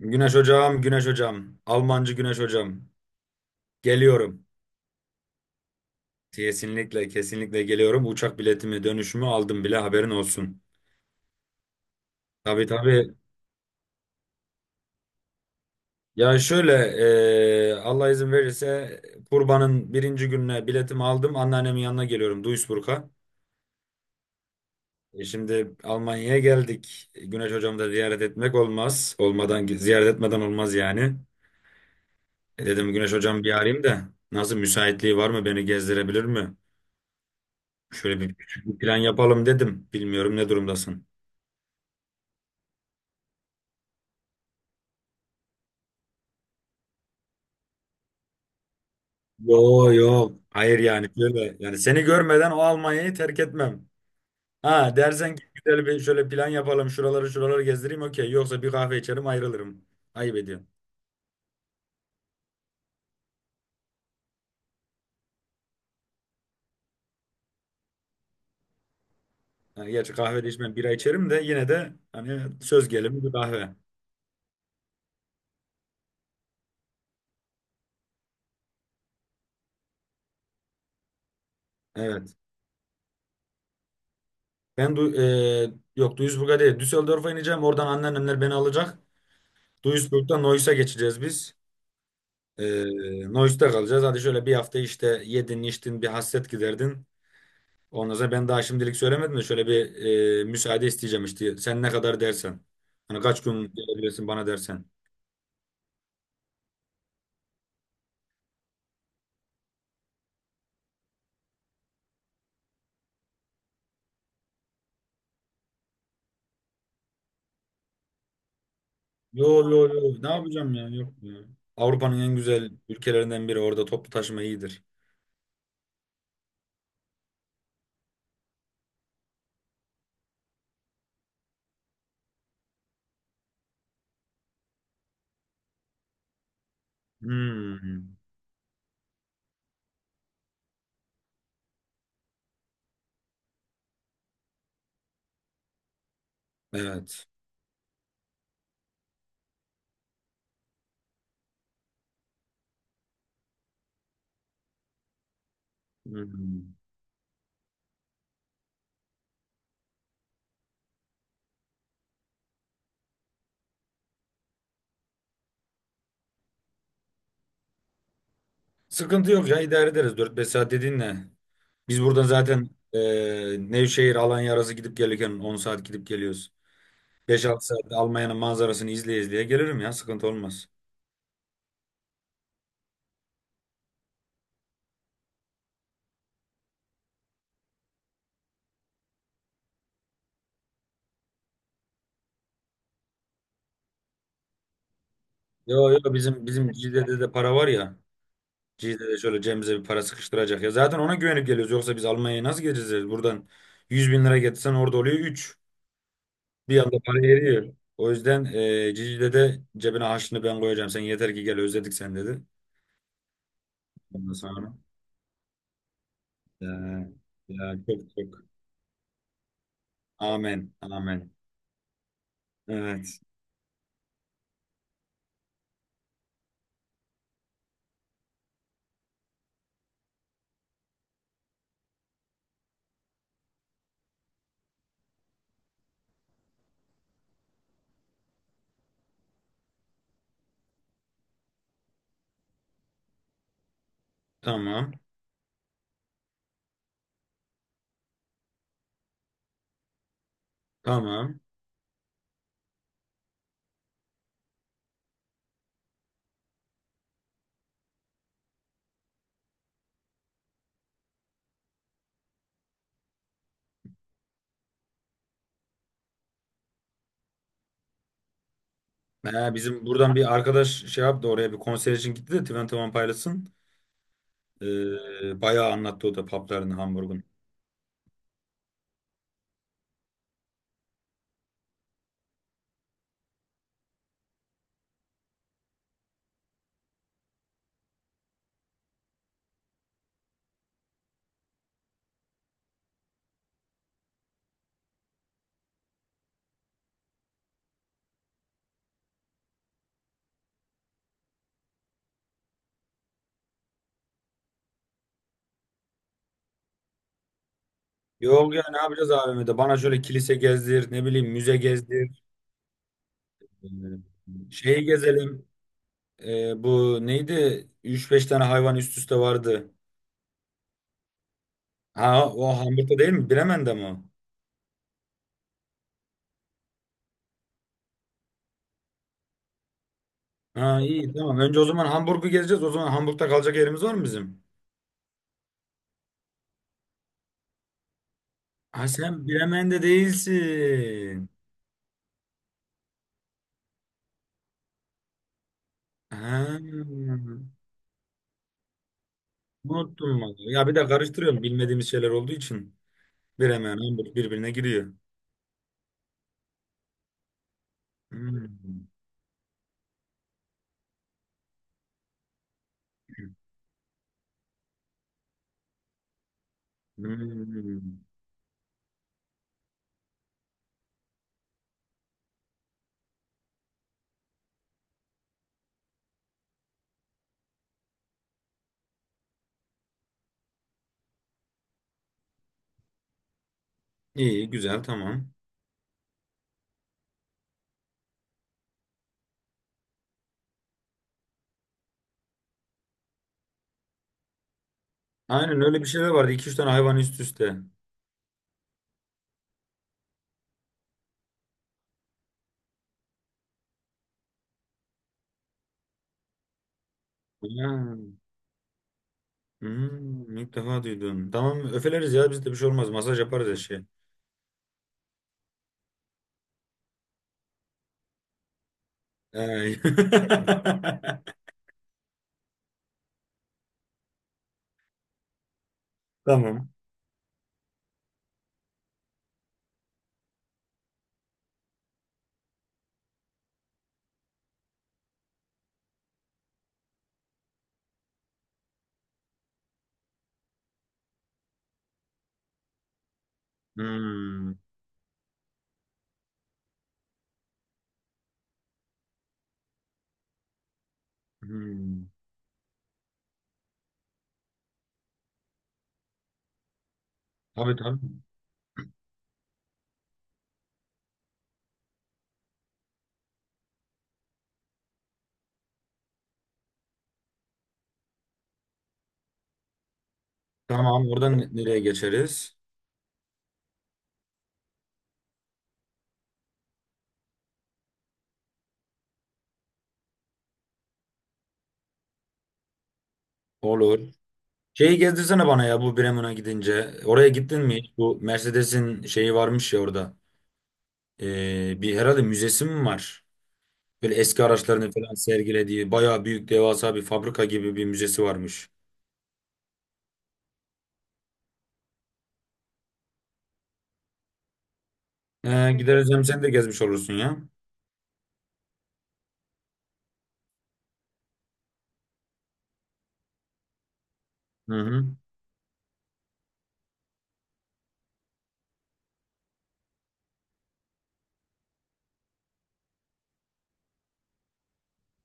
Güneş hocam, Güneş hocam. Almancı Güneş hocam. Geliyorum. Kesinlikle, kesinlikle geliyorum. Uçak biletimi, dönüşümü aldım bile, haberin olsun. Tabii tabii. Ya şöyle, Allah izin verirse kurbanın birinci gününe biletimi aldım. Anneannemin yanına geliyorum Duisburg'a. E, şimdi Almanya'ya geldik. Güneş hocamı da ziyaret etmek olmaz. Olmadan, ziyaret etmeden olmaz yani. E, dedim Güneş hocam bir arayayım da nasıl, müsaitliği var mı, beni gezdirebilir mi? Şöyle bir küçük bir plan yapalım dedim. Bilmiyorum ne durumdasın. Yo yo. Hayır, yani şöyle yani seni görmeden o Almanya'yı terk etmem. Ha, dersen ki güzel bir şöyle plan yapalım, şuraları şuraları gezdireyim, okey. Yoksa bir kahve içerim, ayrılırım. Ayıp ediyorum. Yani gerçi kahve de içmem, bira içerim, de yine de hani söz gelimi bir kahve. Evet. Yok, Duisburg'a değil, Düsseldorf'a ineceğim. Oradan anneannemler beni alacak. Duisburg'dan Neuss'a geçeceğiz biz. Ee, Nois'ta kalacağız. Hadi şöyle bir hafta işte yedin içtin, bir hasret giderdin. Ondan sonra ben daha şimdilik söylemedim de şöyle bir müsaade isteyeceğim işte. Sen ne kadar dersen. Hani kaç gün gelebilirsin bana dersen. Yo yo yo, ne yapacağım ya, yok ya. Avrupa'nın en güzel ülkelerinden biri, orada toplu taşıma iyidir. Hmm, evet. Hmm. Sıkıntı yok ya, idare ederiz. 4-5 saat dediğin ne? Biz buradan zaten Nevşehir Alanya arası gidip gelirken 10 saat gidip geliyoruz. 5-6 saatte Almanya'nın manzarasını izleye izleye gelirim ya. Sıkıntı olmaz. Yo yo, bizim Cizre'de de para var ya. Cizre'de şöyle cebimize bir para sıkıştıracak ya. Zaten ona güvenip geliyoruz. Yoksa biz Almanya'ya nasıl geleceğiz? Yani buradan 100 bin lira getirsen orada oluyor üç... Bir anda para eriyor. O yüzden Cizre'de cebine harçlığını ben koyacağım. Sen yeter ki gel, özledik, sen dedi. Ondan sonra. Ya, ya çok çok. Amen. Amen. Evet. Tamam. Tamam. Bizim buradan bir arkadaş şey yaptı, oraya bir konser için gitti de, Twenty One Pilots'ın. Bayağı anlattı o da paplarını Hamburg'un. Yok ya, ne yapacağız AVM'de? Bana şöyle kilise gezdir, ne bileyim müze gezdir. Ee, şeyi gezelim. Bu neydi? Üç beş tane hayvan üst üste vardı. Ha, o Hamburg'da değil mi? Bremen'de mi o? Ha iyi, tamam. Önce o zaman Hamburg'u gezeceğiz. O zaman Hamburg'da kalacak yerimiz var mı bizim? Ha, sen Bremen'de değilsin. Ha. Unuttum vallahi. Ya bir de karıştırıyorum bilmediğimiz şeyler olduğu için. Bir hemen Hamburg birbirine giriyor. Hmm. Hmm. İyi, güzel, tamam. Aynen, öyle bir şeyler vardı. İki üç tane hayvan üst üste. Ha. Hmm, ilk defa duydum. Tamam, öfeleriz ya, bizde bir şey olmaz. Masaj yaparız eşeğe. Ee, Tamam. Hmm. Hmm. Tabii tabii. Tamam, oradan nereye geçeriz? Olur. Şeyi gezdirsene bana ya bu Bremen'a gidince. Oraya gittin mi hiç? Bu Mercedes'in şeyi varmış ya orada. Bir herhalde müzesi mi var? Böyle eski araçlarını falan sergilediği bayağı büyük devasa bir fabrika gibi bir müzesi varmış. Gideriz hem sen de gezmiş olursun ya. Hı hı.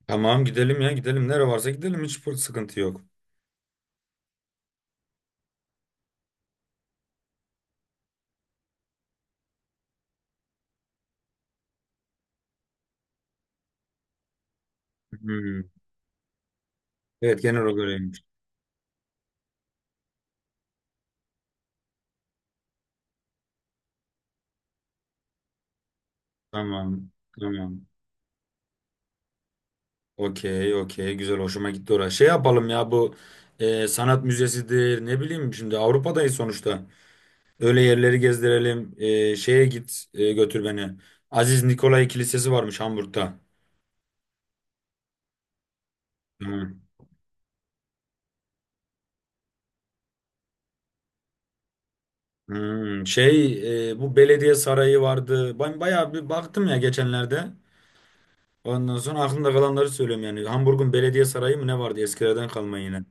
Tamam, gidelim ya gidelim. Nere varsa gidelim, hiç sıkıntı yok. Hmm. Evet, genel olarak öyleymiş. Tamam. Tamam. Okey okey, güzel, hoşuma gitti orası. Şey yapalım ya bu sanat müzesidir, ne bileyim, şimdi Avrupa'dayız sonuçta. Öyle yerleri gezdirelim. Götür beni. Aziz Nikolay Kilisesi varmış Hamburg'da. Hı. Hmm, şey, bu belediye sarayı vardı. Ben bayağı bir baktım ya geçenlerde. Ondan sonra aklımda kalanları söylüyorum yani. Hamburg'un belediye sarayı mı ne vardı eskilerden kalma yine.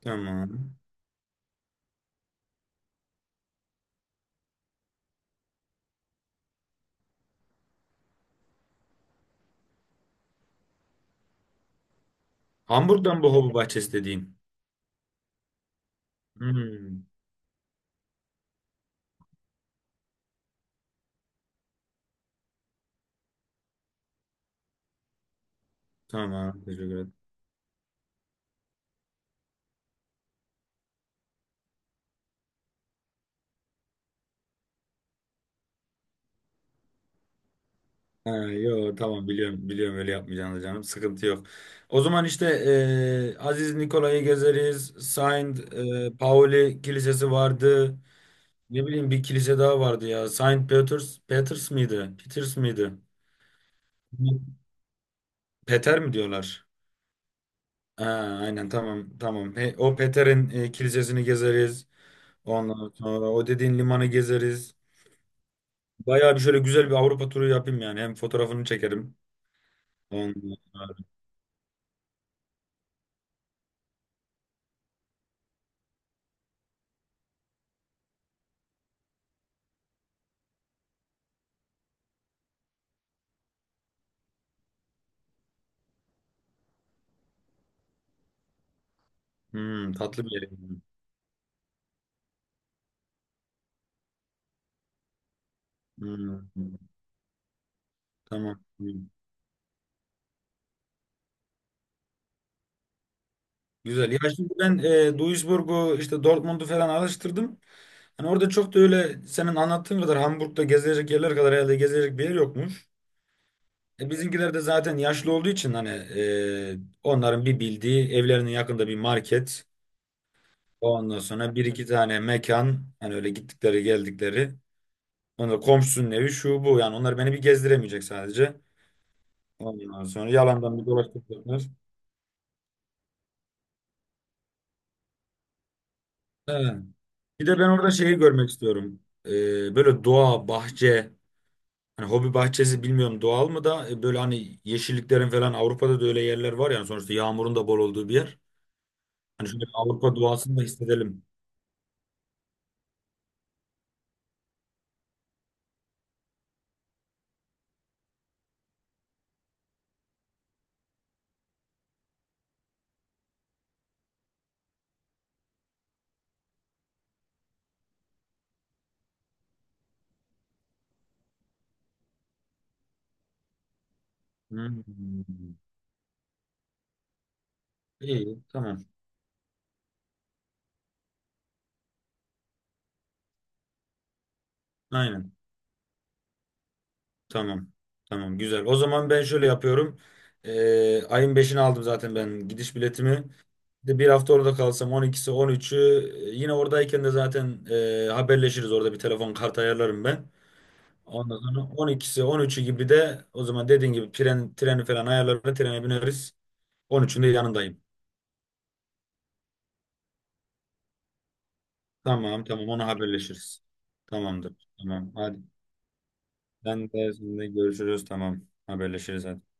Tamam. Hamburg'dan bu hobi bahçesi dediğin. Hmm. Tamam. Teşekkür ederim. Ha, yo, tamam, biliyorum, biliyorum öyle yapmayacağını canım, sıkıntı yok. O zaman işte Aziz Nikola'yı gezeriz. Saint Pauli Kilisesi vardı. Ne bileyim, bir kilise daha vardı ya. Saint Peters miydi? Peters miydi? Peter mi diyorlar? Ha, aynen, tamam tamam. He, o Peter'in kilisesini gezeriz. Ondan sonra o dediğin limanı gezeriz. Bayağı bir şöyle güzel bir Avrupa turu yapayım yani. Hem fotoğrafını çekerim. Ondan sonra- Hmm, tatlı bir yer. Hmm. Tamam. Tamam. Güzel. Ya şimdi ben Duisburg'u işte Dortmund'u falan araştırdım. Hani orada çok da öyle senin anlattığın kadar Hamburg'da gezilecek yerler kadar herhalde gezilecek bir yer yokmuş. E, bizimkiler de zaten yaşlı olduğu için hani onların bir bildiği evlerinin yakında bir market. Ondan sonra bir iki tane mekan hani öyle gittikleri geldikleri. Ondan komşusunun evi şu bu, yani onlar beni bir gezdiremeyecek sadece. Ondan sonra yalandan bir dolaştıracaklar. Evet. Bir de ben orada şeyi görmek istiyorum. Böyle doğa, bahçe, hani hobi bahçesi, bilmiyorum doğal mı da böyle hani yeşilliklerin falan, Avrupa'da da öyle yerler var yani sonuçta, yağmurun da bol olduğu bir yer. Hani şöyle bir Avrupa doğasını da hissedelim. Hmm. İyi, tamam. Aynen. Tamam. Tamam, güzel. O zaman ben şöyle yapıyorum. Ayın beşini aldım zaten ben, gidiş biletimi. Bir de bir hafta orada kalsam 12'si 13'ü, yine oradayken de zaten haberleşiriz, orada bir telefon kart ayarlarım ben. Ondan sonra 12'si 13'ü gibi de, o zaman dediğin gibi tren, treni falan ayarlarız. Trene bineriz. 13'ünde yanındayım. Tamam tamam, onu haberleşiriz. Tamamdır. Tamam hadi. Ben de sizinle görüşürüz. Tamam, haberleşiriz hadi.